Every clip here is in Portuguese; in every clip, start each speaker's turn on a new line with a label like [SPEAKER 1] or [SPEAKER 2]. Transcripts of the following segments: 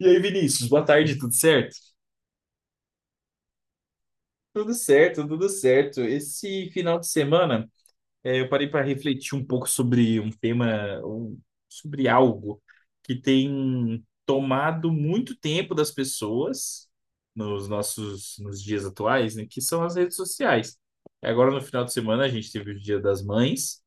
[SPEAKER 1] E aí, Vinícius, boa tarde, tudo certo? Tudo certo, tudo certo. Esse final de semana. É, eu parei para refletir um pouco sobre um tema, sobre algo que tem tomado muito tempo das pessoas nos dias atuais, né, que são as redes sociais. Agora no final de semana a gente teve o Dia das Mães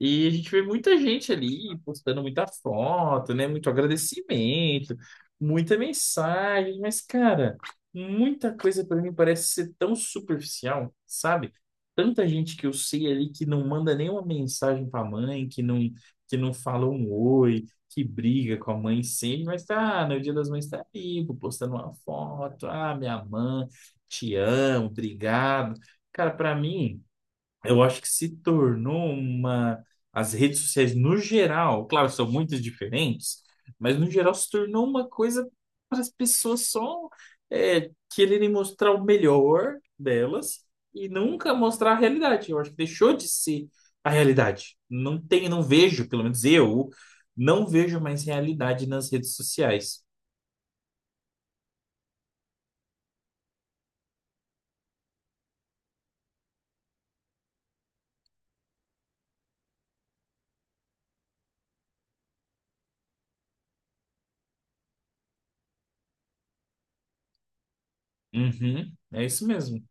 [SPEAKER 1] e a gente vê muita gente ali postando muita foto, né, muito agradecimento, muita mensagem, mas, cara, muita coisa para mim parece ser tão superficial, sabe? Tanta gente que eu sei ali que não manda nenhuma mensagem para a mãe, que não fala um oi, que briga com a mãe sempre, mas tá, no Dia das Mães tá vivo, postando uma foto, ah, minha mãe, te amo, obrigado. Cara, para mim eu acho que se tornou uma. As redes sociais, no geral, claro, são muito diferentes, mas no geral se tornou uma coisa para as pessoas só quererem mostrar o melhor delas e nunca mostrar a realidade. Eu acho que deixou de ser a realidade. Não tem, não vejo, pelo menos eu, não vejo mais realidade nas redes sociais. Uhum, é isso mesmo.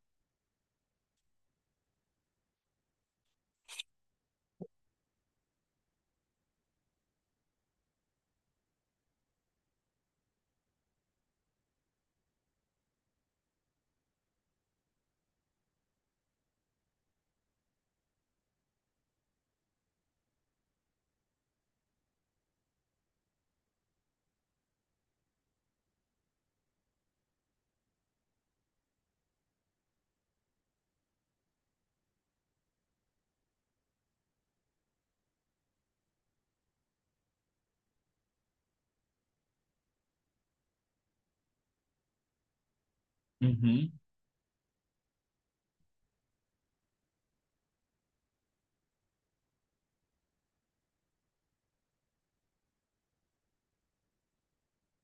[SPEAKER 1] Uhum.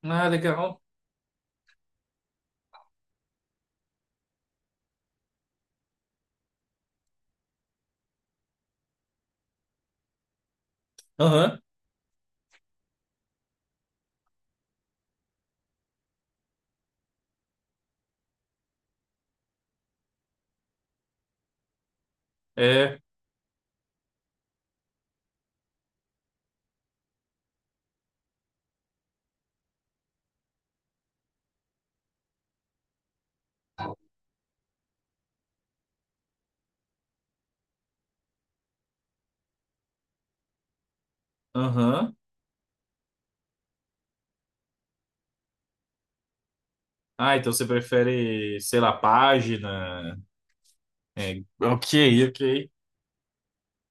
[SPEAKER 1] Ah, legal. Aham, é. Aham. Ah, então você prefere, sei lá, página. É, ok, ok.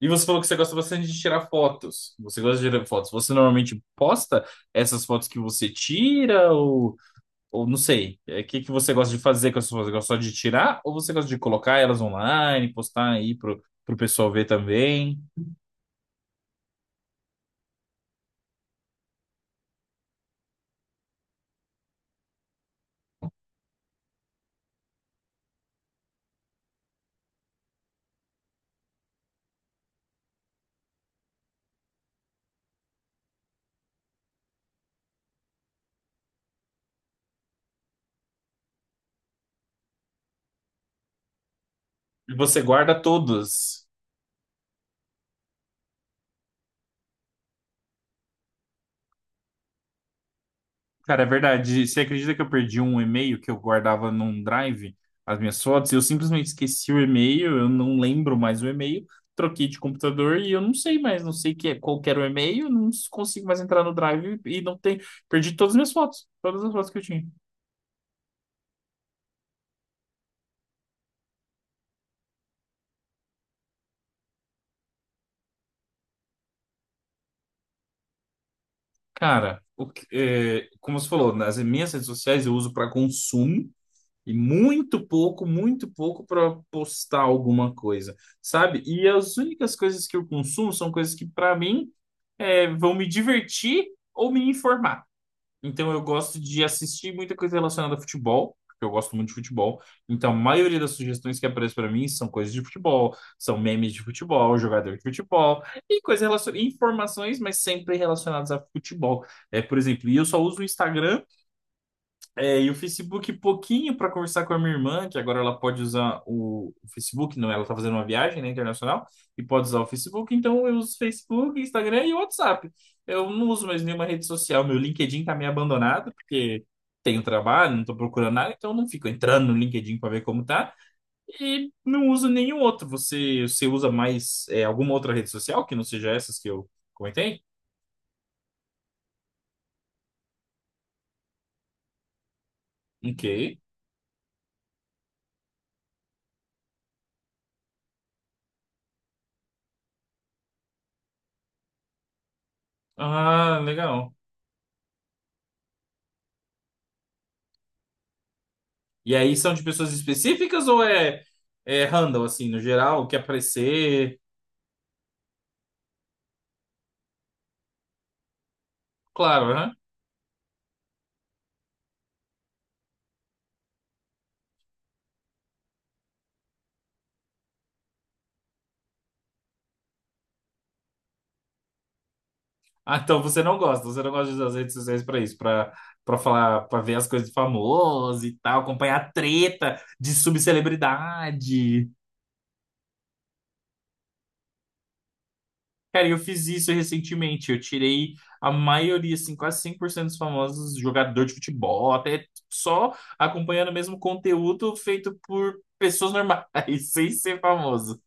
[SPEAKER 1] E você falou que você gosta bastante de tirar fotos. Você gosta de tirar fotos. Você normalmente posta essas fotos que você tira, ou não sei. É, o que que você gosta de fazer com essas fotos? Você gosta só de tirar ou você gosta de colocar elas online, postar aí pro pessoal ver também? E você guarda todas. Cara, é verdade. Você acredita que eu perdi um e-mail que eu guardava num drive, as minhas fotos? E eu simplesmente esqueci o e-mail, eu não lembro mais o e-mail, troquei de computador e eu não sei mais, não sei qual que era o e-mail, não consigo mais entrar no drive e não tem. Perdi todas as minhas fotos, todas as fotos que eu tinha. Cara, como você falou, nas minhas redes sociais eu uso para consumo. E muito pouco para postar alguma coisa, sabe? E as únicas coisas que eu consumo são coisas que, para mim, vão me divertir ou me informar. Então, eu gosto de assistir muita coisa relacionada a futebol, porque eu gosto muito de futebol. Então, a maioria das sugestões que aparecem para mim são coisas de futebol, são memes de futebol, jogador de futebol, e coisas relacionadas, informações, mas sempre relacionadas a futebol. É, por exemplo, e eu só uso o Instagram e o Facebook, pouquinho para conversar com a minha irmã, que agora ela pode usar o Facebook, não, ela está fazendo uma viagem, né, internacional, e pode usar o Facebook, então eu uso Facebook, Instagram e WhatsApp. Eu não uso mais nenhuma rede social, meu LinkedIn tá meio abandonado, porque tenho trabalho, não estou procurando nada, então eu não fico entrando no LinkedIn para ver como tá, e não uso nenhum outro. Você usa mais, alguma outra rede social que não seja essas que eu comentei? Ok. Ah, legal. E aí são de pessoas específicas ou é random, assim, no geral, que aparecer? Claro, né? Ah, então você não gosta de usar as redes sociais pra isso, pra para falar, pra ver as coisas de famoso e tal, acompanhar a treta de subcelebridade. Cara, eu fiz isso recentemente, eu tirei a maioria, assim, quase 100% dos famosos jogador de futebol, até só acompanhando o mesmo conteúdo feito por pessoas normais, sem ser famoso.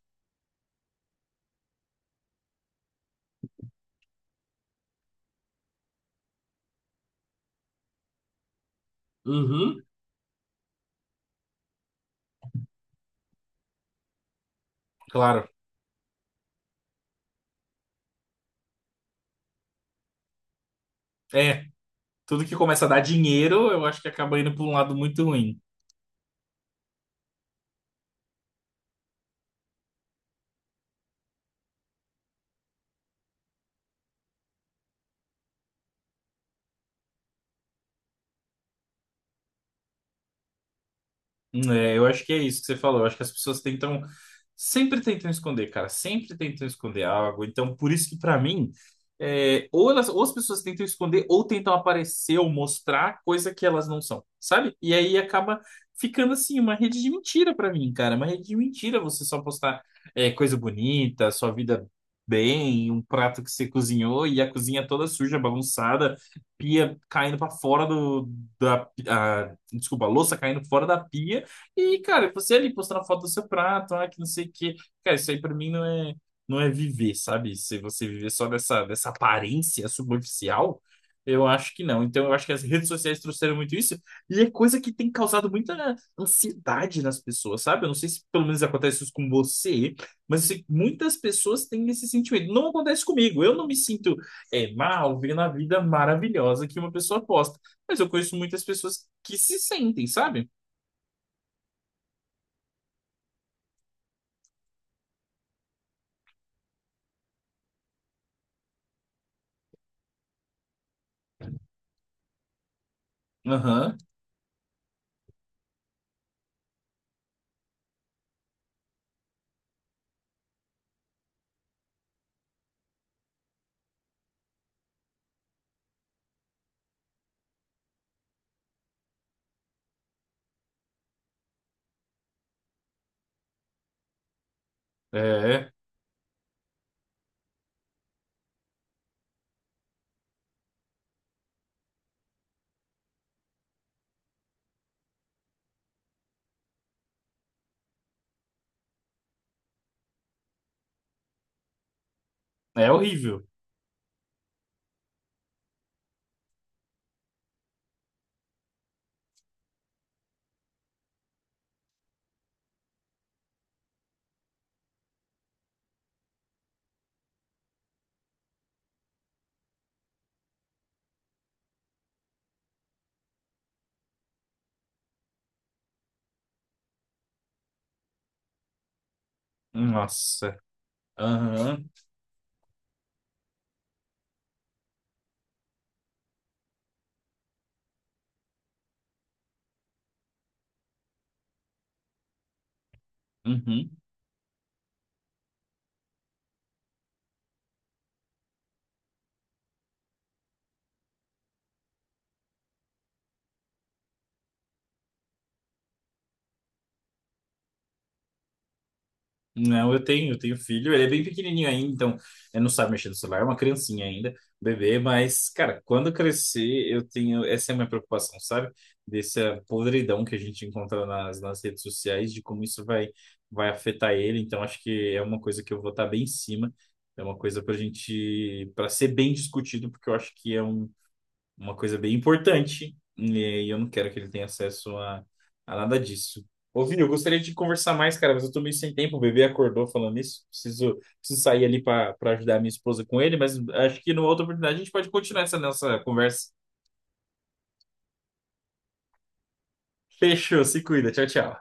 [SPEAKER 1] Uhum. Claro. É, tudo que começa a dar dinheiro, eu acho que acaba indo para um lado muito ruim. É, eu acho que é isso que você falou. Eu acho que as pessoas tentam, sempre tentam esconder, cara, sempre tentam esconder algo. Então, por isso que pra mim, ou as pessoas tentam esconder, ou tentam aparecer ou mostrar coisa que elas não são, sabe? E aí acaba ficando assim uma rede de mentira pra mim, cara. Uma rede de mentira você só postar, coisa bonita, sua vida bem, um prato que você cozinhou e a cozinha toda suja, bagunçada, pia caindo pra fora desculpa, a louça caindo fora da pia. E, cara, você ali postando a foto do seu prato, ah, que não sei o quê. Cara, isso aí pra mim não é viver, sabe? Se você viver só dessa aparência superficial, eu acho que não. Então, eu acho que as redes sociais trouxeram muito isso. E é coisa que tem causado muita ansiedade nas pessoas, sabe? Eu não sei se pelo menos acontece isso com você, mas eu sei que muitas pessoas têm esse sentimento. Não acontece comigo. Eu não me sinto, mal, vendo a vida maravilhosa que uma pessoa posta. Mas eu conheço muitas pessoas que se sentem, sabe? Aham. É, é horrível. Nossa. Aham. Uhum. Não, eu tenho filho. Ele é bem pequenininho ainda, então ele não sabe mexer no celular, é uma criancinha ainda, bebê. Mas, cara, quando crescer, eu tenho. Essa é a minha preocupação, sabe? Dessa podridão que a gente encontra nas redes sociais, de como isso vai afetar ele. Então, acho que é uma coisa que eu vou estar bem em cima. É uma coisa pra gente, pra ser bem discutido, porque eu acho que é uma coisa bem importante, e eu não quero que ele tenha acesso a nada disso. Ô, Vini, eu gostaria de conversar mais, cara, mas eu tô meio sem tempo. O bebê acordou falando isso. Preciso sair ali para ajudar a minha esposa com ele, mas acho que numa outra oportunidade a gente pode continuar essa nossa conversa. Fechou, se cuida. Tchau, tchau.